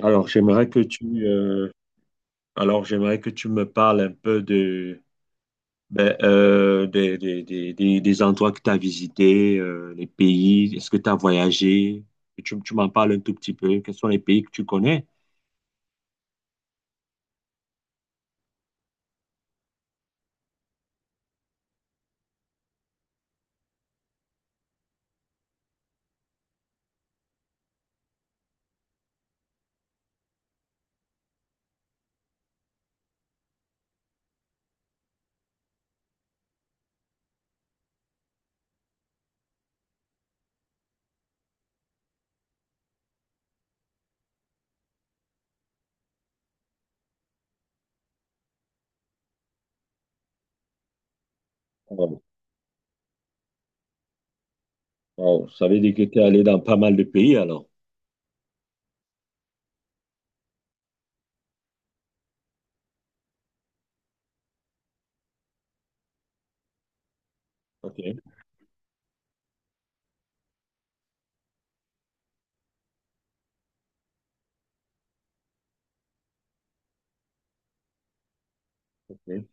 Alors, j'aimerais que tu, j'aimerais que tu me parles un peu de, ben, des endroits que tu as visités, les pays, est-ce que tu as voyagé? Et tu m'en parles un tout petit peu. Quels sont les pays que tu connais? Wow. Wow. Ça veut dire que tu es allé dans pas mal de pays alors. Ok, ok,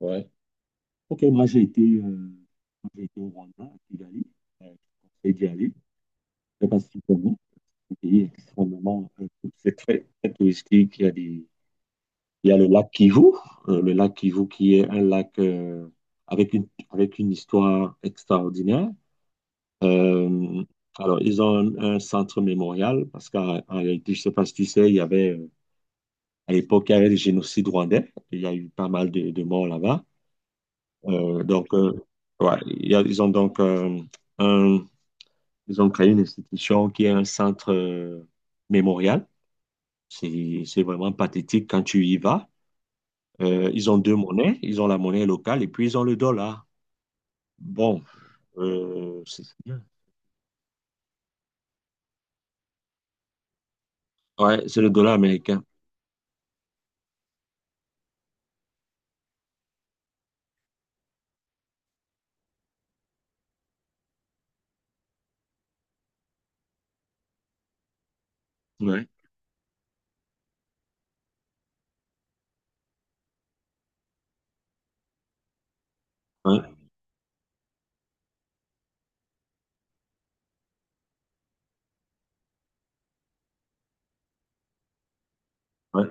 ouais. Ok, moi, j'ai été au Rwanda, à Kigali. Je te conseille d'y aller. Je sais pas si tu connais. C'est un pays extrêmement, c'est très, très touristique. Il y a des Il y a le lac Kivu qui est un lac avec avec une histoire extraordinaire. Euh, alors, ils ont un centre mémorial parce qu'en en réalité, je ne sais pas si tu sais, il y avait, à l'époque, il y avait le génocide rwandais. Il y a eu pas mal de morts là-bas. Euh, donc, euh, Ils ont donc un- ils ont créé une institution qui est un centre mémorial. C'est vraiment pathétique quand tu y vas. Ils ont deux monnaies, ils ont la monnaie locale et puis ils ont le dollar. Bon, c'est ouais, c'est le dollar américain. Ouais, ouais, ouais.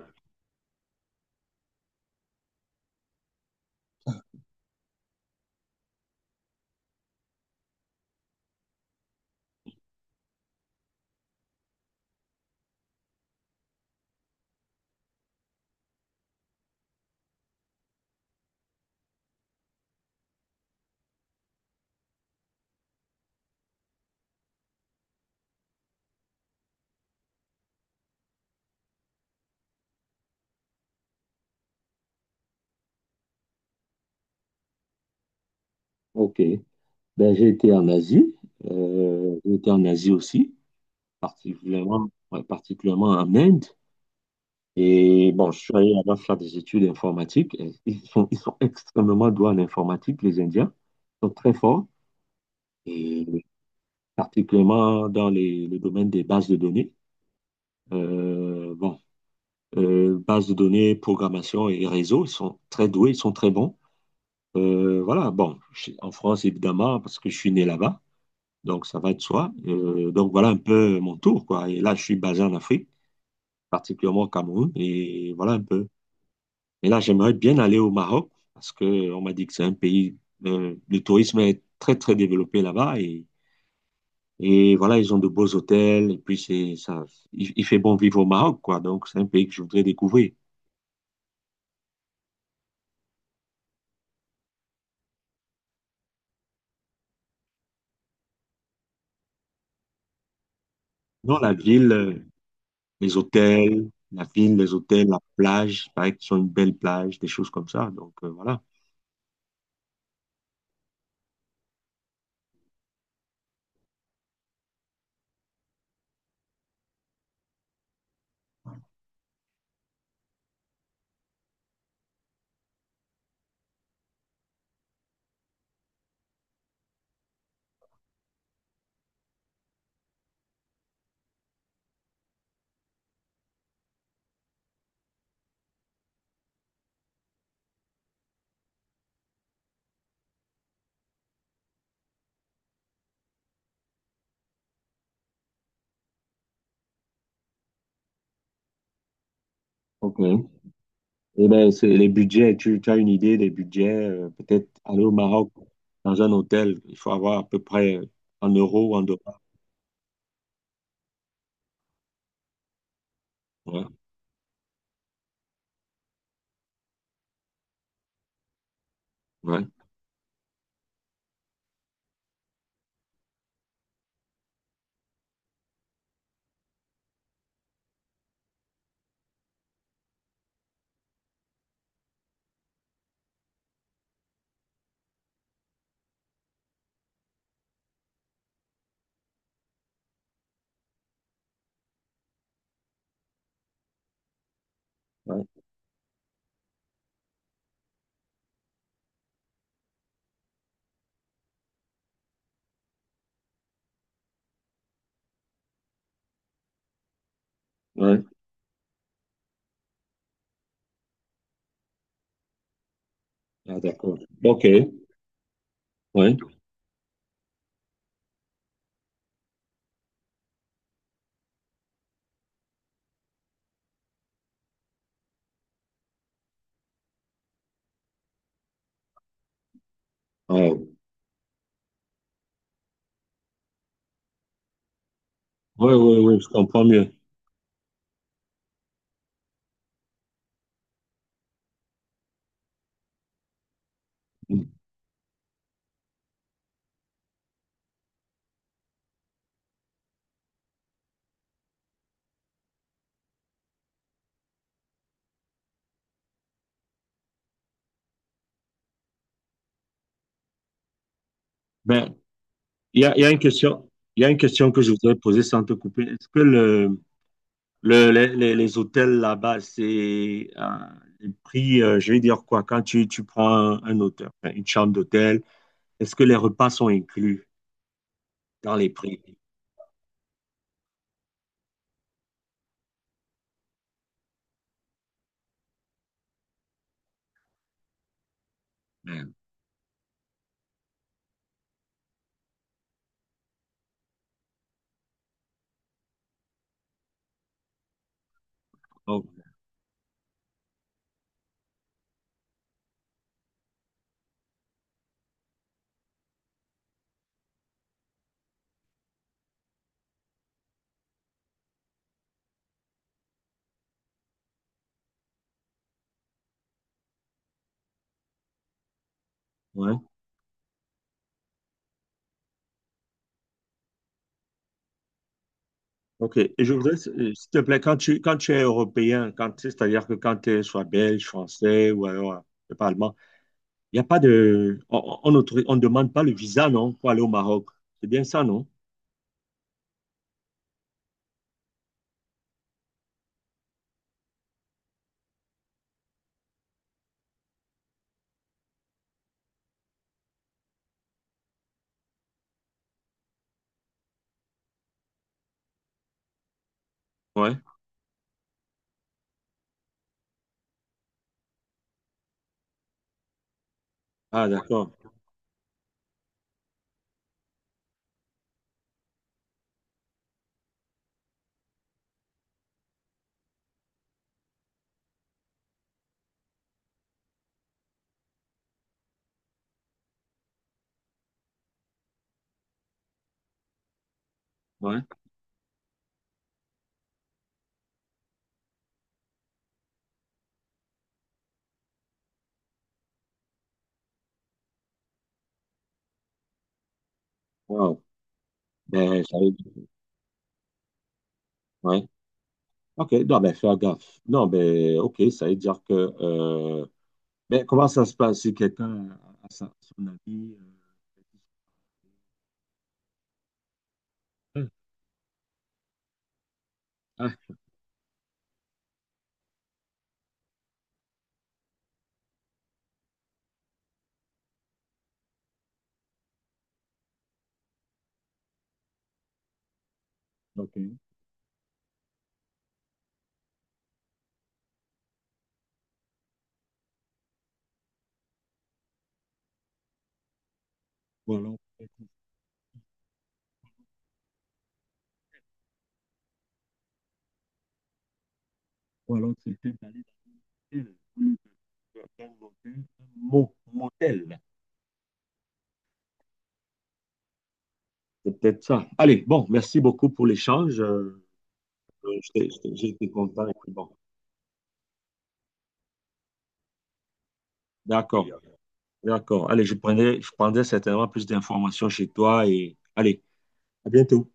Ok. Ben, j'ai été en Asie, euh, j'ai été en Asie aussi, particulièrement, particulièrement en Inde. Et bon, je suis allé là-bas faire des études informatiques. Et ils sont extrêmement doués en informatique, les Indiens. Ils sont très forts, et particulièrement dans le domaine des bases de données. Bon, base de données, programmation et réseau. Ils sont très doués, ils sont très bons. En France, évidemment, parce que je suis né là-bas, donc ça va de soi. Donc voilà un peu mon tour, quoi. Et là, je suis basé en Afrique, particulièrement au Cameroun, et voilà un peu. Et là, j'aimerais bien aller au Maroc, parce que on m'a dit que c'est un pays, le tourisme est très, très développé là-bas, et voilà, ils ont de beaux hôtels, et puis c'est ça, il fait bon vivre au Maroc, quoi. Donc c'est un pays que je voudrais découvrir. Dans la ville, les hôtels, la plage, il paraît qu'ils ont une belle plage, des choses comme ça. Donc voilà. Ok. Et ben c'est les budgets, tu as une idée des budgets, peut-être aller au Maroc dans un hôtel, il faut avoir à peu près en euros ou en dollars. Ouais, ouais, ouais, ouais. Ah, d'accord. Ok, ouais. Ouais, ouais, ouais, je comprends mieux. Ben, il y a une question, il y a une question que je voudrais poser sans te couper. Est-ce que le- les- Les hôtels là-bas, c'est les prix, je vais dire quoi, quand tu prends un hôtel, enfin, une chambre d'hôtel, est-ce que les repas sont inclus dans les prix? Ouais. Oh, ouais. OK. Et je voudrais, s'il te plaît, quand tu es européen, quand, tu sais, c'est-à-dire que quand tu es soit belge, français ou alors, je sais pas, allemand, il n'y a pas de. On n'autorise- on ne demande pas le visa, non, pour aller au Maroc. C'est bien ça, non? Ouais. Ah, d'accord. Ouais. Wow. Ben, ça veut dire- ouais. OK, non, mais fais gaffe. Non, mais OK, ça veut dire que mais comment ça se passe si quelqu'un a, son avis euh, Ah, OK. Ou alors, ou alors c'était d'aller dans une ville, un motel, un mo- motel. C'est peut-être ça. Allez, bon, merci beaucoup pour l'échange. J'ai été content et puis bon. D'accord, d'accord. Allez, je prendrai certainement plus d'informations chez toi et allez, à bientôt.